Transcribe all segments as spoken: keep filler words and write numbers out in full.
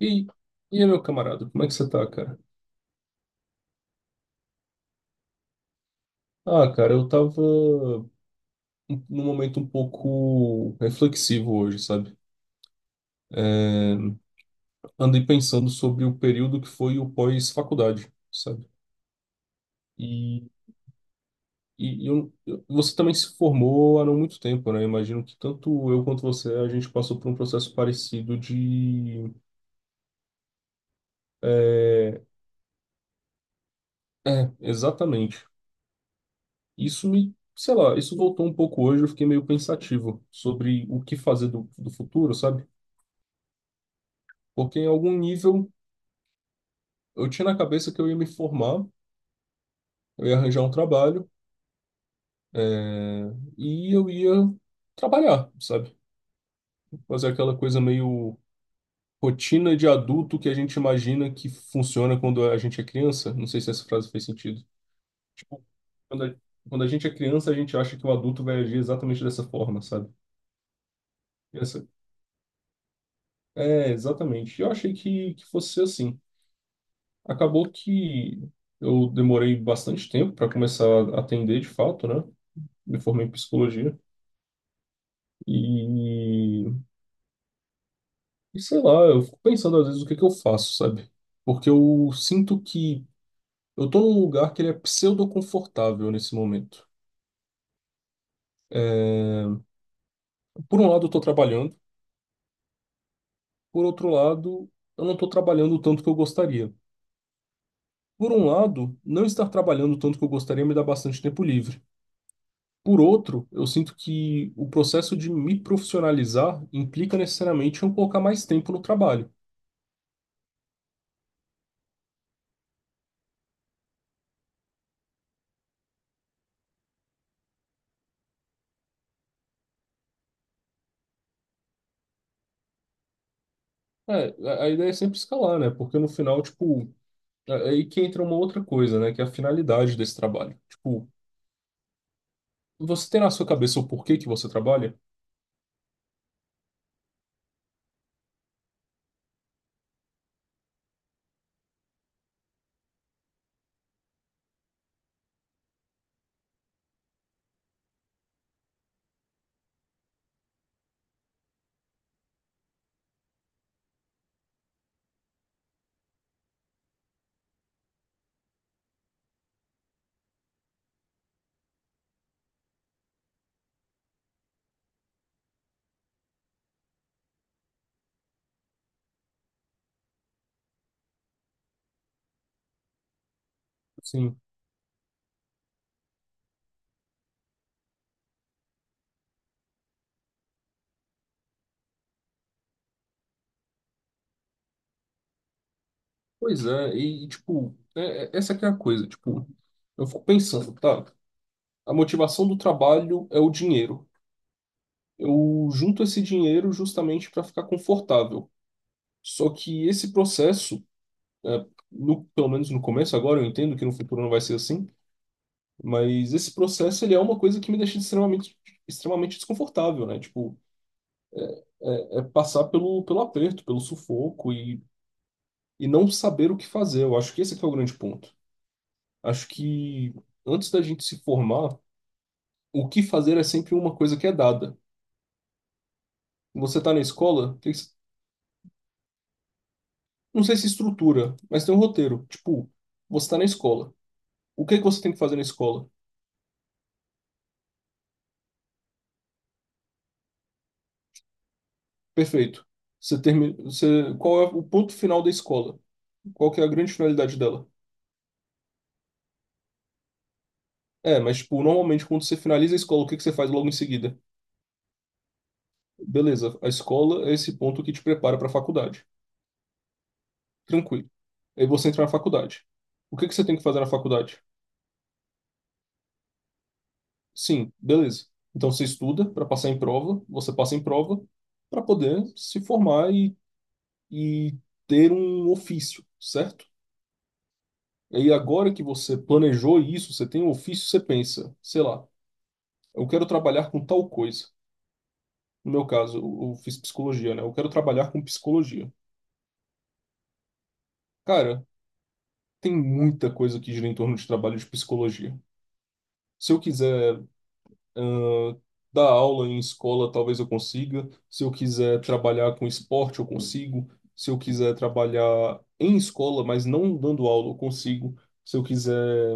E, e aí, meu camarada, como é que você tá, cara? Ah, cara, eu tava um- num momento um pouco reflexivo hoje, sabe? É, Andei pensando sobre o período que foi o pós-faculdade, sabe? E, e eu- eu- Você também se formou há não muito tempo, né? Imagino que tanto eu quanto você, a gente passou por um processo parecido de... É, é, exatamente. Isso me... Sei lá, isso voltou um pouco hoje, eu fiquei meio pensativo sobre o que fazer do, do futuro, sabe? Porque em algum nível eu tinha na cabeça que eu ia me formar, eu ia arranjar um trabalho, é, e eu ia trabalhar, sabe? Fazer aquela coisa meio rotina de adulto que a gente imagina que funciona quando a gente é criança. Não sei se essa frase fez sentido. Tipo, quando a, quando a gente é criança, a gente acha que o adulto vai agir exatamente dessa forma, sabe? Essa, é, exatamente. Eu achei que, que fosse ser assim. Acabou que eu demorei bastante tempo para começar a atender de fato, né? Me formei em psicologia. E, e sei lá, eu fico pensando às vezes o que que eu faço, sabe? Porque eu sinto que eu tô num lugar que ele é pseudo-confortável nesse momento. Por um lado, eu tô trabalhando, por outro lado, eu não tô trabalhando o tanto que eu gostaria. Por um lado, não estar trabalhando o tanto que eu gostaria me dá bastante tempo livre. Por outro, eu sinto que o processo de me profissionalizar implica necessariamente eu colocar mais tempo no trabalho. É, a a ideia é sempre escalar, né? Porque no final, tipo, é, aí que entra uma outra coisa, né? Que é a finalidade desse trabalho. Tipo, você tem na sua cabeça o porquê que você trabalha? Sim. Pois é, e tipo, é- é- essa que é a coisa. Tipo, eu fico pensando, tá? A motivação do trabalho é o dinheiro. Eu junto esse dinheiro justamente para ficar confortável. Só que esse processo, é, no, pelo menos no começo, agora eu entendo que no futuro não vai ser assim, mas esse processo ele é uma coisa que me deixa extremamente, extremamente desconfortável, né? Tipo, é é passar pelo, pelo aperto, pelo sufoco e, e não saber o que fazer. Eu acho que esse aqui é o grande ponto. Acho que antes da gente se formar, o que fazer é sempre uma coisa que é dada. Você tá na escola, tem que se- não sei se estrutura, mas tem um roteiro. Tipo, você tá na escola. O que que você tem que fazer na escola? Perfeito. Você termina, você, qual é o ponto final da escola? Qual que é a grande finalidade dela? É, mas tipo, normalmente quando você finaliza a escola, o que que você faz logo em seguida? Beleza, a escola é esse ponto que te prepara para a faculdade. Tranquilo. Aí você entra na faculdade. O que que você tem que fazer na faculdade? Sim, beleza. Então você estuda para passar em prova, você passa em prova para poder se formar e, e ter um ofício, certo? Aí agora que você planejou isso, você tem um ofício, você pensa, sei lá, eu quero trabalhar com tal coisa. No meu caso, eu eu fiz psicologia, né? Eu quero trabalhar com psicologia. Cara, tem muita coisa que gira em torno de trabalho de psicologia. Se eu quiser, ãh, dar aula em escola, talvez eu consiga. Se eu quiser trabalhar com esporte, eu consigo. Se eu quiser trabalhar em escola, mas não dando aula, eu consigo. Se eu quiser,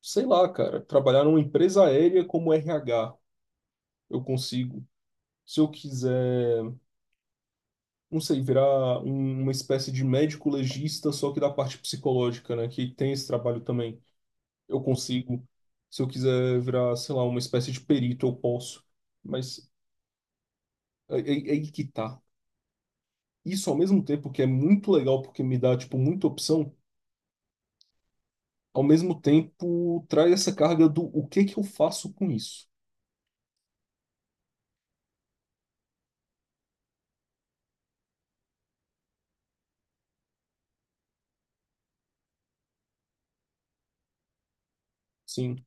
sei lá, cara, trabalhar numa empresa aérea como R H, eu consigo. Se eu quiser, não sei, virar um- uma espécie de médico legista, só que da parte psicológica, né, que tem esse trabalho também, eu consigo. Se eu quiser virar, sei lá, uma espécie de perito, eu posso. Mas aí, aí que tá. Isso ao mesmo tempo que é muito legal porque me dá, tipo, muita opção, ao mesmo tempo traz essa carga do o que que eu faço com isso. Sim,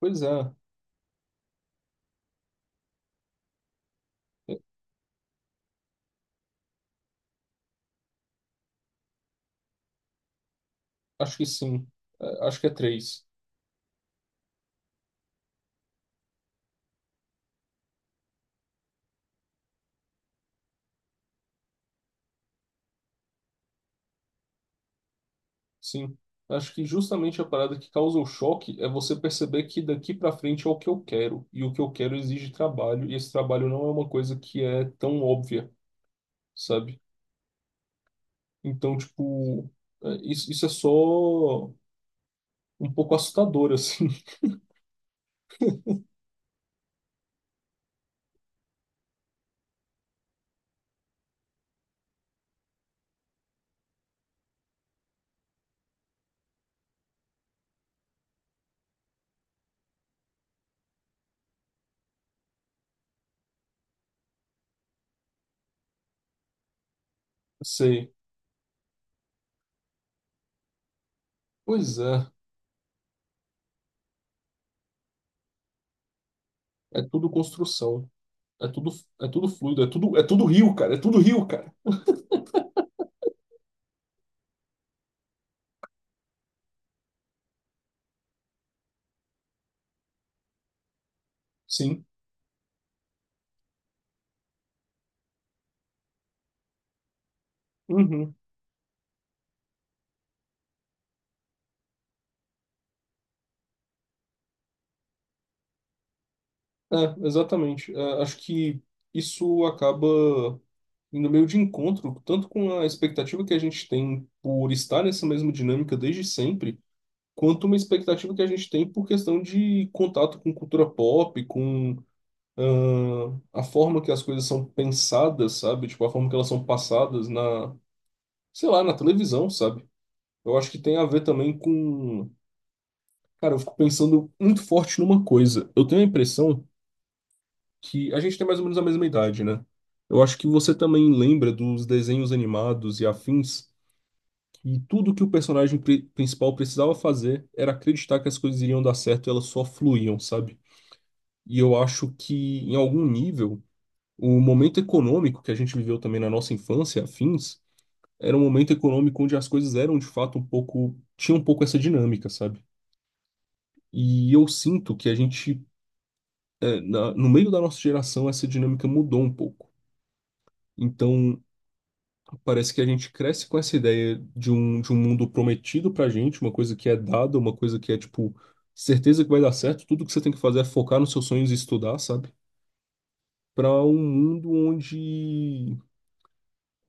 pois é. É, acho que sim. É, acho que é três. Sim. Acho que justamente a parada que causa o choque é você perceber que daqui pra frente é o que eu quero. E o que eu quero exige trabalho, e esse trabalho não é uma coisa que é tão óbvia, sabe? Então, tipo, é, isso, isso é só um pouco assustador, assim. Sei. Pois é, é tudo construção, é tudo, é tudo fluido, é tudo, é tudo rio, cara, é tudo rio, cara. Sim, uhum. É, exatamente. É, acho que isso acaba indo meio de encontro, tanto com a expectativa que a gente tem por estar nessa mesma dinâmica desde sempre, quanto uma expectativa que a gente tem por questão de contato com cultura pop, com ah, a forma que as coisas são pensadas, sabe? Tipo, a forma que elas são passadas na, sei lá, na televisão, sabe? Eu acho que tem a ver também com. Cara, eu fico pensando muito forte numa coisa. Eu tenho a impressão que a gente tem mais ou menos a mesma idade, né? Eu acho que você também lembra dos desenhos animados e afins, e tudo que o personagem pri- principal precisava fazer era acreditar que as coisas iriam dar certo e elas só fluíam, sabe? E eu acho que, em algum nível, o momento econômico que a gente viveu também na nossa infância, afins, era um momento econômico onde as coisas eram de fato um pouco. Tinha um pouco essa dinâmica, sabe? E eu sinto que a gente, é, na- no meio da nossa geração, essa dinâmica mudou um pouco. Então, parece que a gente cresce com essa ideia de um, de um mundo prometido pra gente, uma coisa que é dada, uma coisa que é, tipo, certeza que vai dar certo, tudo que você tem que fazer é focar nos seus sonhos e estudar, sabe? Para um mundo onde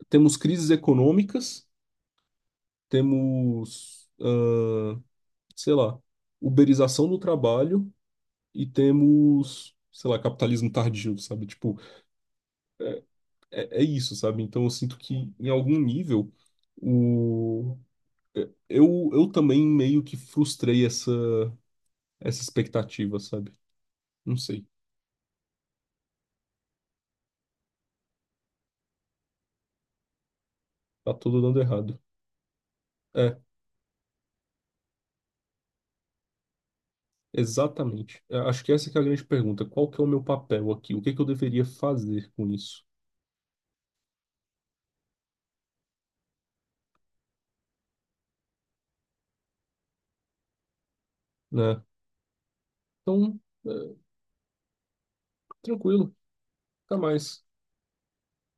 temos crises econômicas, temos, ah, sei lá, uberização do trabalho e temos, sei lá, capitalismo tardio, sabe? Tipo, é, é isso, sabe? Então eu sinto que em algum nível o é, eu eu também meio que frustrei essa essa expectativa, sabe? Não sei, tá tudo dando errado. É, exatamente. É, acho que essa que é a grande pergunta. Qual que é o meu papel aqui? O que que eu deveria fazer com isso, né? Então, é, tranquilo, até mais.